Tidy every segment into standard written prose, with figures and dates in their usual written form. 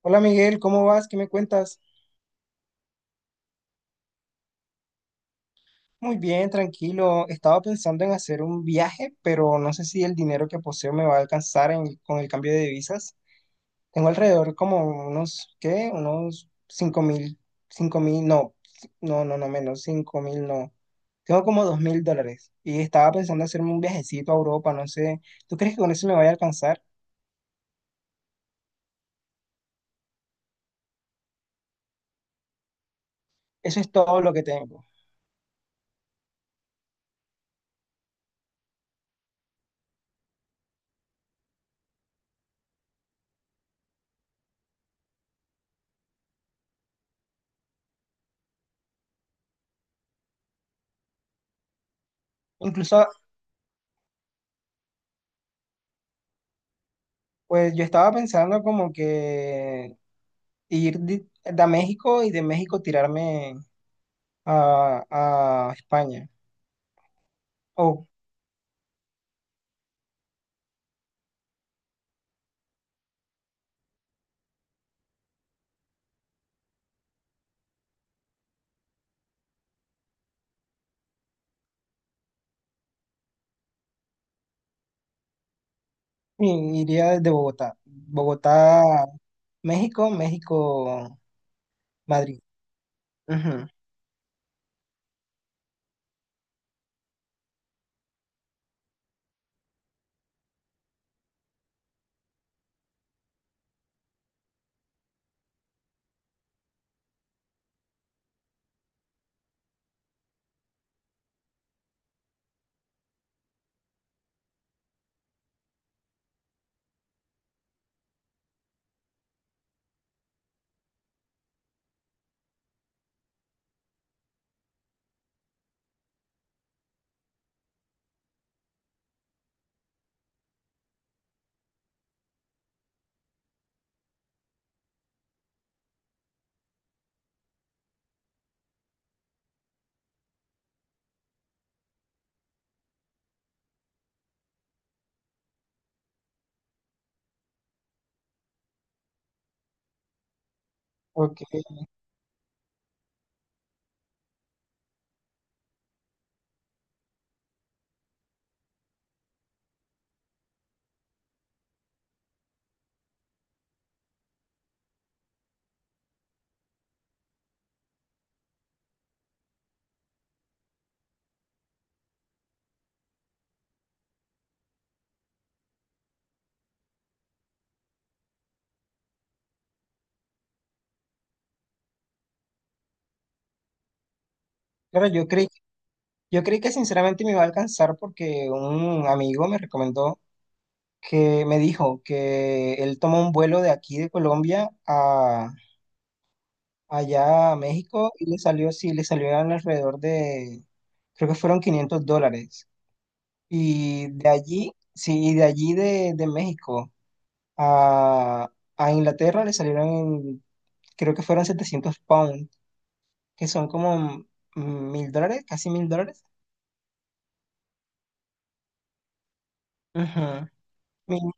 Hola Miguel, ¿cómo vas? ¿Qué me cuentas? Muy bien, tranquilo. Estaba pensando en hacer un viaje, pero no sé si el dinero que poseo me va a alcanzar con el cambio de divisas. Tengo alrededor como unos, ¿qué? Unos 5.000, 5.000, no, no, no, no menos, 5.000, no. Tengo como $2.000 y estaba pensando hacerme un viajecito a Europa, no sé. ¿Tú crees que con eso me vaya a alcanzar? Eso es todo lo que tengo. Incluso, pues yo estaba pensando como que ir de México y de México tirarme a, a España. O iría desde Bogotá. Bogotá, México, México, Madrid. Ujú. Ok. Claro, yo creí que sinceramente me iba a alcanzar porque un amigo me recomendó que me dijo que él tomó un vuelo de aquí de Colombia a allá a México y le salió, sí, le salió alrededor de, creo que fueron $500. Y de allí, sí, y de allí de México a, a Inglaterra le salieron, creo que fueron 700 pounds, que son como $1.000, casi $1.000. Ujú. Mi-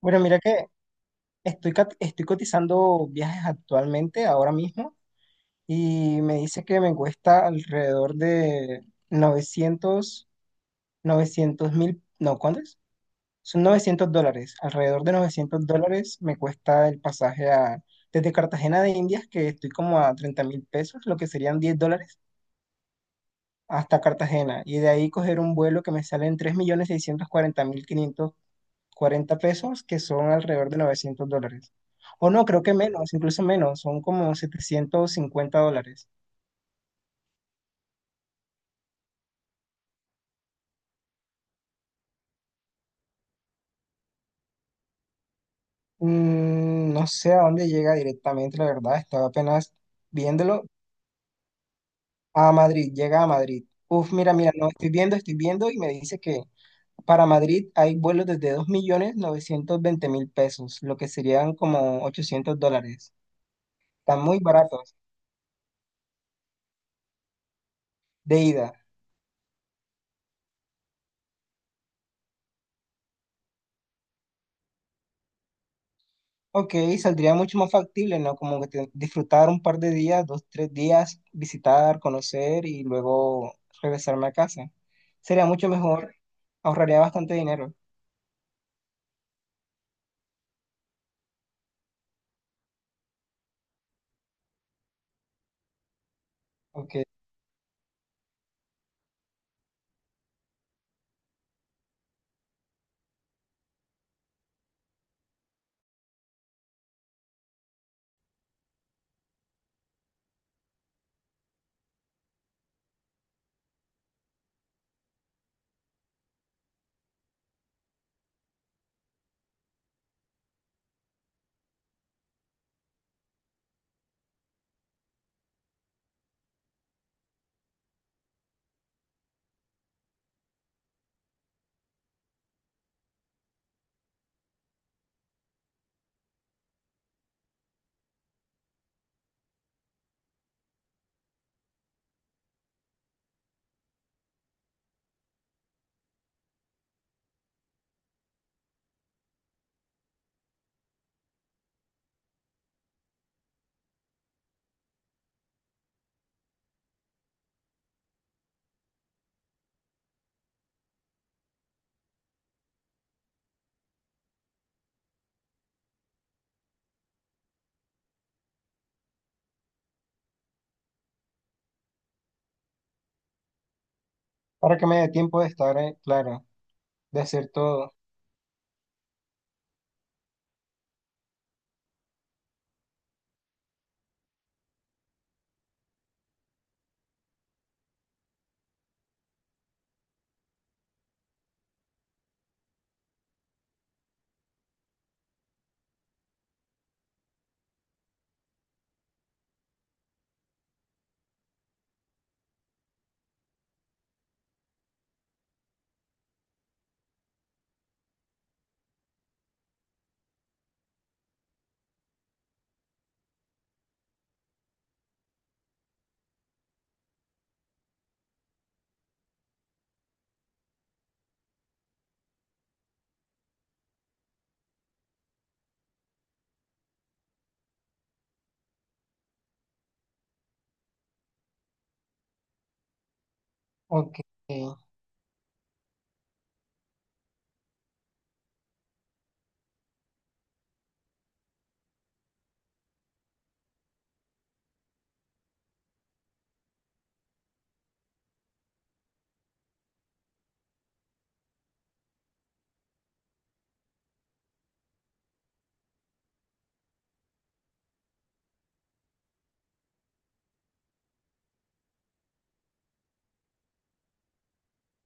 Bueno, mira que estoy cotizando viajes actualmente, ahora mismo, y me dice que me cuesta alrededor de 900 900 mil, no, ¿cuánto? Son $900, alrededor de $900 me cuesta el pasaje desde Cartagena de Indias, que estoy como a 30 mil pesos, lo que serían $10, hasta Cartagena. Y de ahí coger un vuelo que me sale en 3.640.540 pesos, que son alrededor de $900. O no, creo que menos, incluso menos, son como $750. No sé a dónde llega directamente, la verdad, estaba apenas viéndolo. A Madrid, llega a Madrid. Uf, mira, mira, no, estoy viendo y me dice que para Madrid hay vuelos desde 2.920.000 pesos, lo que serían como $800. Están muy baratos de ida. Ok, saldría mucho más factible, ¿no? Como que disfrutar un par de días, dos, tres días, visitar, conocer y luego regresarme a casa. Sería mucho mejor, ahorraría bastante dinero. Ok, para que me dé tiempo de estar, claro, de hacer todo. Ok,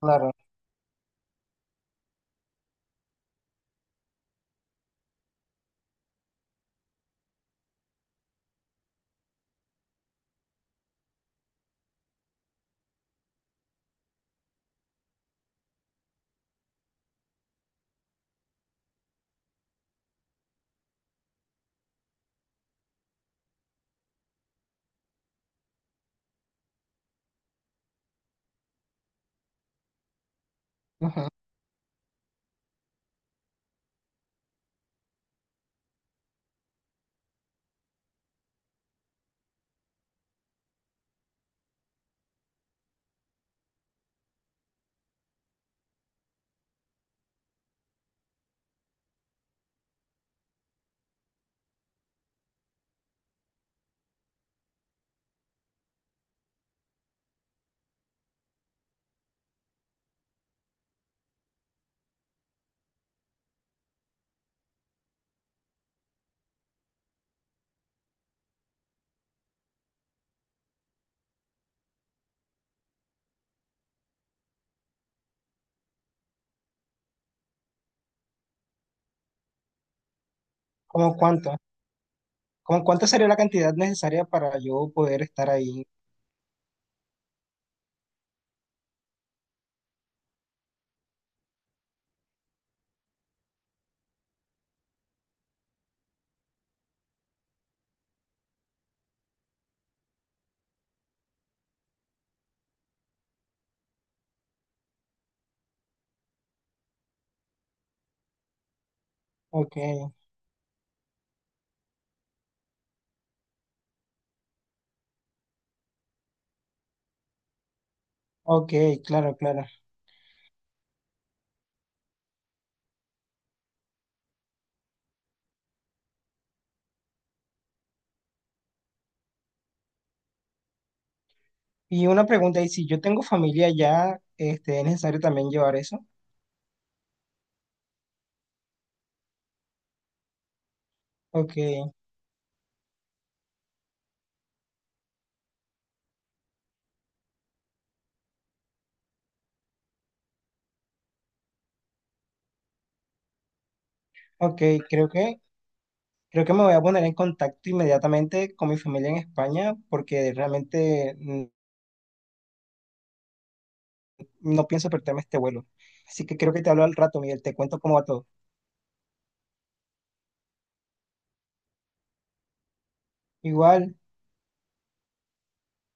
claro. Ujú. ¿Cómo cuánto? ¿Cómo cuánto sería la cantidad necesaria para yo poder estar ahí? Ok, ok, claro, claro. Y una pregunta, ¿y si yo tengo familia ya, este, es necesario también llevar eso? Ok, ok, creo que, creo que me voy a poner en contacto inmediatamente con mi familia en España porque realmente no pienso perderme este vuelo. Así que creo que te hablo al rato, Miguel, te cuento cómo va todo. Igual.